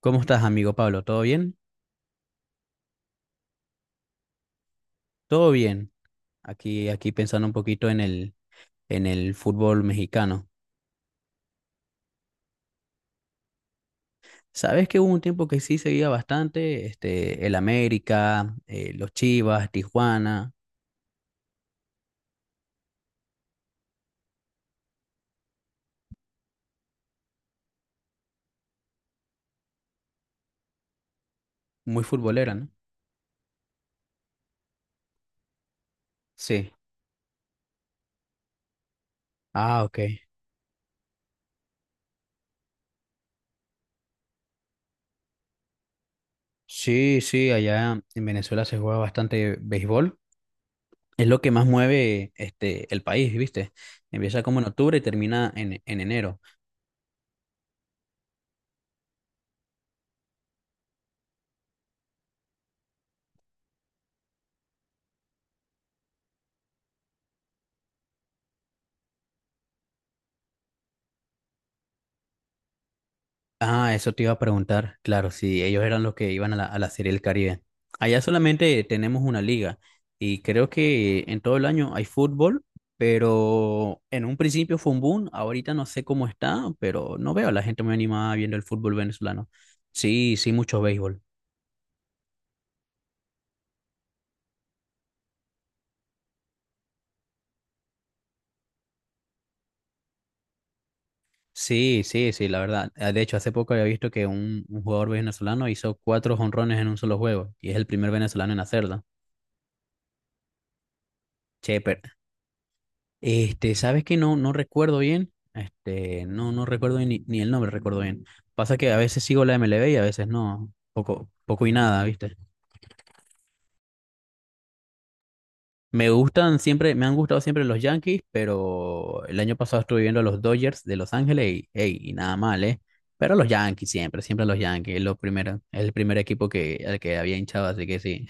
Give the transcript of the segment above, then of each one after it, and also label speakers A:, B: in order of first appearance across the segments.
A: ¿Cómo estás, amigo Pablo? ¿Todo bien? Todo bien. Aquí pensando un poquito en en el fútbol mexicano. Sabes que hubo un tiempo que sí seguía bastante, este, el América, los Chivas, Tijuana, muy futbolera, ¿no? Sí. Ah, ok. Sí, sí, allá en Venezuela se juega bastante béisbol. Es lo que más mueve este, el país, ¿viste? Empieza como en octubre y termina en enero. Ah, eso te iba a preguntar. Claro, si ellos eran los que iban a a la Serie del Caribe. Allá solamente tenemos una liga y creo que en todo el año hay fútbol, pero en un principio fue un boom. Ahorita no sé cómo está, pero no veo a la gente muy animada viendo el fútbol venezolano. Sí, sí, mucho béisbol. Sí, sí, sí, la verdad. Ah, de hecho, hace poco había visto que un jugador venezolano hizo cuatro jonrones en un solo juego y es el primer venezolano en hacerlo. Che, pero este, sabes que no, no recuerdo bien, este, no, no recuerdo ni, ni el nombre, recuerdo bien. Pasa que a veces sigo la MLB y a veces no, poco, poco y nada, ¿viste? Me gustan siempre, me han gustado siempre los Yankees, pero el año pasado estuve viendo a los Dodgers de Los Ángeles y, ey, y nada mal, ¿eh? Pero los Yankees siempre, siempre los Yankees, es lo primero, es el primer equipo que, al que había hinchado, así que sí.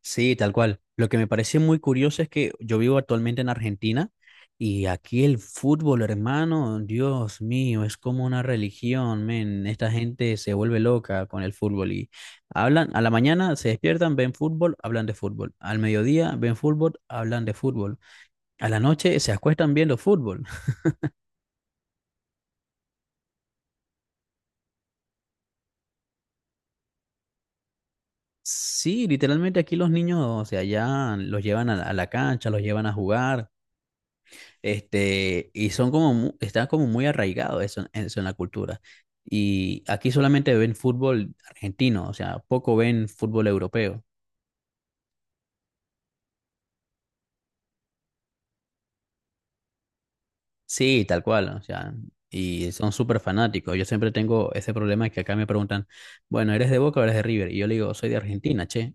A: Sí, tal cual. Lo que me parece muy curioso es que yo vivo actualmente en Argentina y aquí el fútbol, hermano, Dios mío, es como una religión, men. Esta gente se vuelve loca con el fútbol y hablan, a la mañana se despiertan, ven fútbol, hablan de fútbol. Al mediodía ven fútbol, hablan de fútbol. A la noche se acuestan viendo fútbol. Sí, literalmente aquí los niños, o sea, ya los llevan a la cancha, los llevan a jugar. Este, y son como, está como muy arraigado eso, eso en la cultura. Y aquí solamente ven fútbol argentino, o sea, poco ven fútbol europeo. Sí, tal cual, o sea, y son súper fanáticos. Yo siempre tengo ese problema que acá me preguntan, bueno, ¿eres de Boca o eres de River? Y yo le digo, soy de Argentina, che.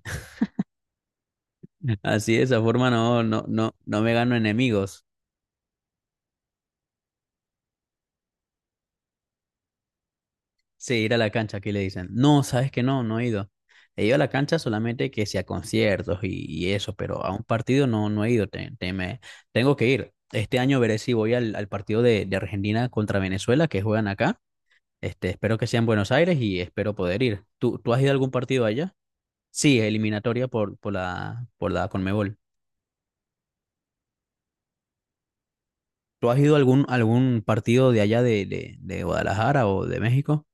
A: Así de esa forma no me gano enemigos. Sí, ir a la cancha, aquí le dicen. No, sabes que no, no he ido. He ido a la cancha solamente que sea conciertos y eso, pero a un partido no, no he ido. Tengo que ir. Este año veré si voy al, al partido de Argentina contra Venezuela que juegan acá. Este, espero que sea en Buenos Aires y espero poder ir. ¿Tú, tú has ido a algún partido allá? Sí, eliminatoria por la Conmebol. ¿Tú has ido a algún, algún partido de allá de Guadalajara o de México?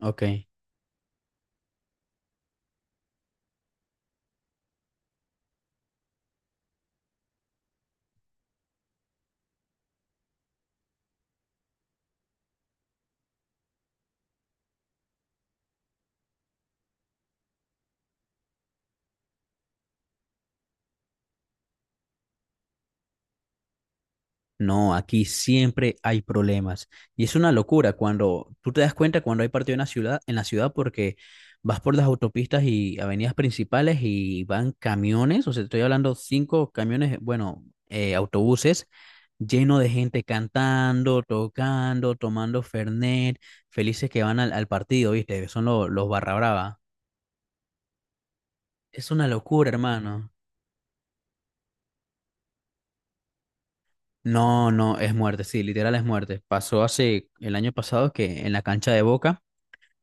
A: Ok. No, aquí siempre hay problemas. Y es una locura cuando tú te das cuenta cuando hay partido en la ciudad porque vas por las autopistas y avenidas principales y van camiones, o sea, estoy hablando cinco camiones, bueno, autobuses lleno de gente cantando, tocando, tomando Fernet, felices que van al, al partido, ¿viste? Son los barra brava. Es una locura, hermano. No, no, es muerte, sí, literal es muerte. Pasó hace el año pasado que en la cancha de Boca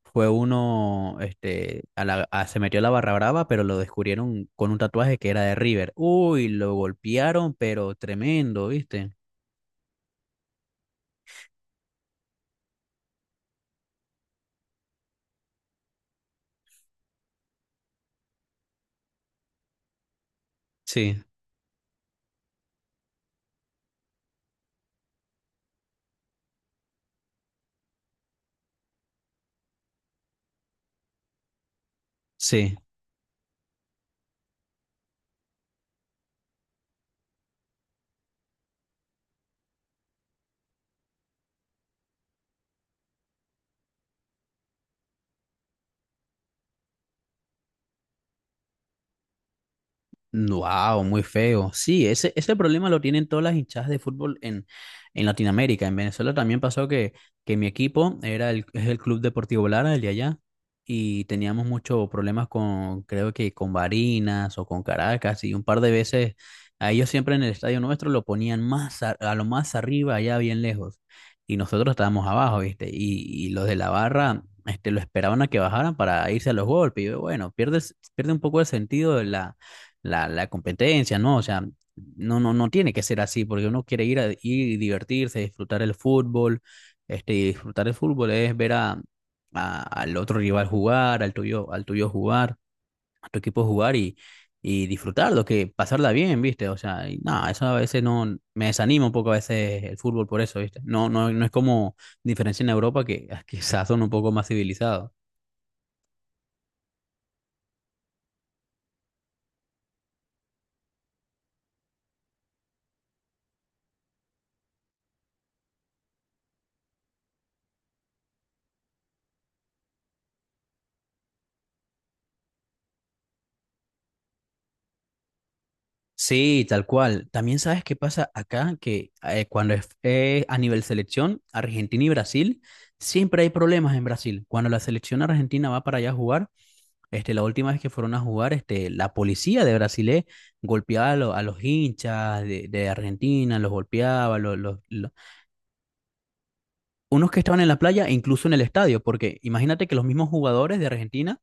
A: fue uno, este, a se metió a la barra brava, pero lo descubrieron con un tatuaje que era de River. Uy, lo golpearon, pero tremendo, ¿viste? Sí, sí. Wow, muy feo. Sí, ese problema lo tienen todas las hinchadas de fútbol en Latinoamérica. En Venezuela también pasó que mi equipo era el, es el Club Deportivo Lara, el de allá, y teníamos muchos problemas con, creo que con Barinas o con Caracas, y un par de veces a ellos siempre en el estadio nuestro lo ponían más a lo más arriba, allá bien lejos, y nosotros estábamos abajo, ¿viste? Y los de la barra... Este, lo esperaban a que bajaran para irse a los golpes. Y yo, bueno, pierde un poco el sentido de la competencia, ¿no? O sea, no tiene que ser así, porque uno quiere ir a ir y divertirse, disfrutar el fútbol, este, y disfrutar el fútbol es ver a, al otro rival jugar, al tuyo jugar, a tu equipo jugar y disfrutarlo, que pasarla bien, ¿viste? O sea, y nada, eso a veces no, me desanima un poco a veces el fútbol por eso, ¿viste? No, no, no es como diferencia en Europa que que quizás son un poco más civilizados. Sí, tal cual. También sabes qué pasa acá, que cuando es a nivel selección, Argentina y Brasil, siempre hay problemas en Brasil. Cuando la selección argentina va para allá a jugar, este, la última vez que fueron a jugar, este, la policía de Brasil golpeaba a, a los hinchas de Argentina, los golpeaba, los, unos que estaban en la playa e incluso en el estadio, porque imagínate que los mismos jugadores de Argentina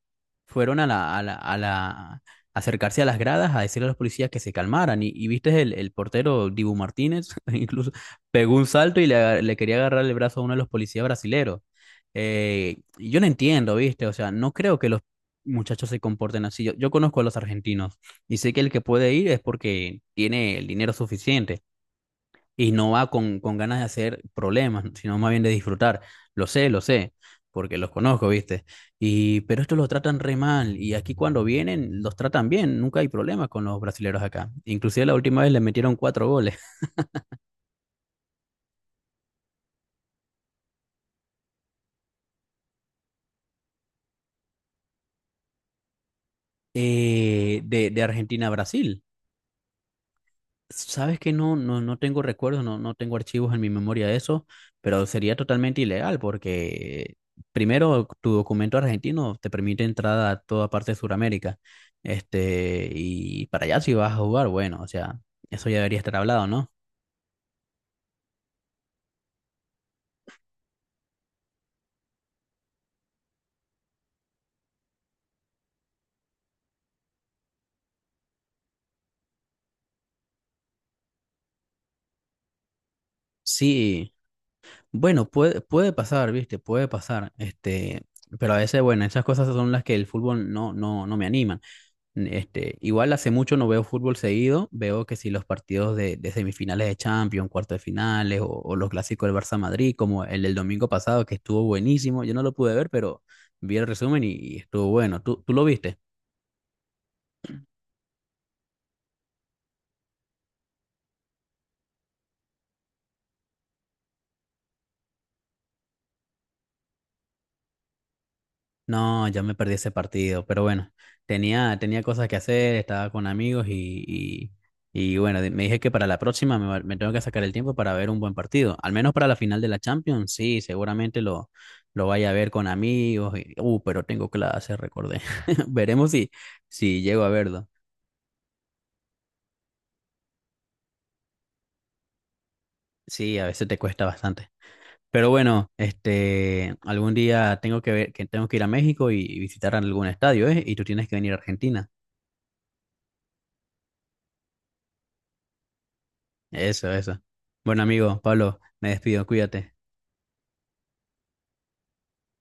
A: fueron a a la, acercarse a las gradas a decirle a los policías que se calmaran. Y viste el portero Dibu Martínez, incluso pegó un salto y le, le quería agarrar el brazo a uno de los policías brasileros. Y yo no entiendo, viste, o sea, no creo que los muchachos se comporten así. Yo conozco a los argentinos y sé que el que puede ir es porque tiene el dinero suficiente y no va con ganas de hacer problemas, sino más bien de disfrutar. Lo sé, porque los conozco, ¿viste? Y, pero estos los tratan re mal y aquí cuando vienen los tratan bien, nunca hay problemas con los brasileros acá. Inclusive la última vez le metieron cuatro goles de Argentina a Brasil. Sabes que no, no, no tengo recuerdos, no, no tengo archivos en mi memoria de eso, pero sería totalmente ilegal porque primero tu documento argentino te permite entrada a toda parte de Sudamérica. Este, y para allá si vas a jugar, bueno, o sea, eso ya debería estar hablado, ¿no? Sí, bueno, puede, puede pasar, ¿viste? Puede pasar. Este, pero a veces, bueno, esas cosas son las que el fútbol no me animan. Este, igual hace mucho no veo fútbol seguido, veo que si los partidos de semifinales de Champions, cuartos de finales o los clásicos del Barça Madrid, como el del domingo pasado que estuvo buenísimo, yo no lo pude ver, pero vi el resumen y estuvo bueno. ¿Tú, tú lo viste? No, ya me perdí ese partido, pero bueno, tenía cosas que hacer, estaba con amigos y bueno, me dije que para la próxima me, me tengo que sacar el tiempo para ver un buen partido, al menos para la final de la Champions, sí, seguramente lo vaya a ver con amigos, y, pero tengo clase, recordé. Veremos si, si llego a verlo. Sí, a veces te cuesta bastante. Pero bueno, este, algún día tengo que ver, que tengo que ir a México y visitar algún estadio, ¿eh? Y tú tienes que venir a Argentina. Eso, eso. Bueno, amigo, Pablo, me despido, cuídate.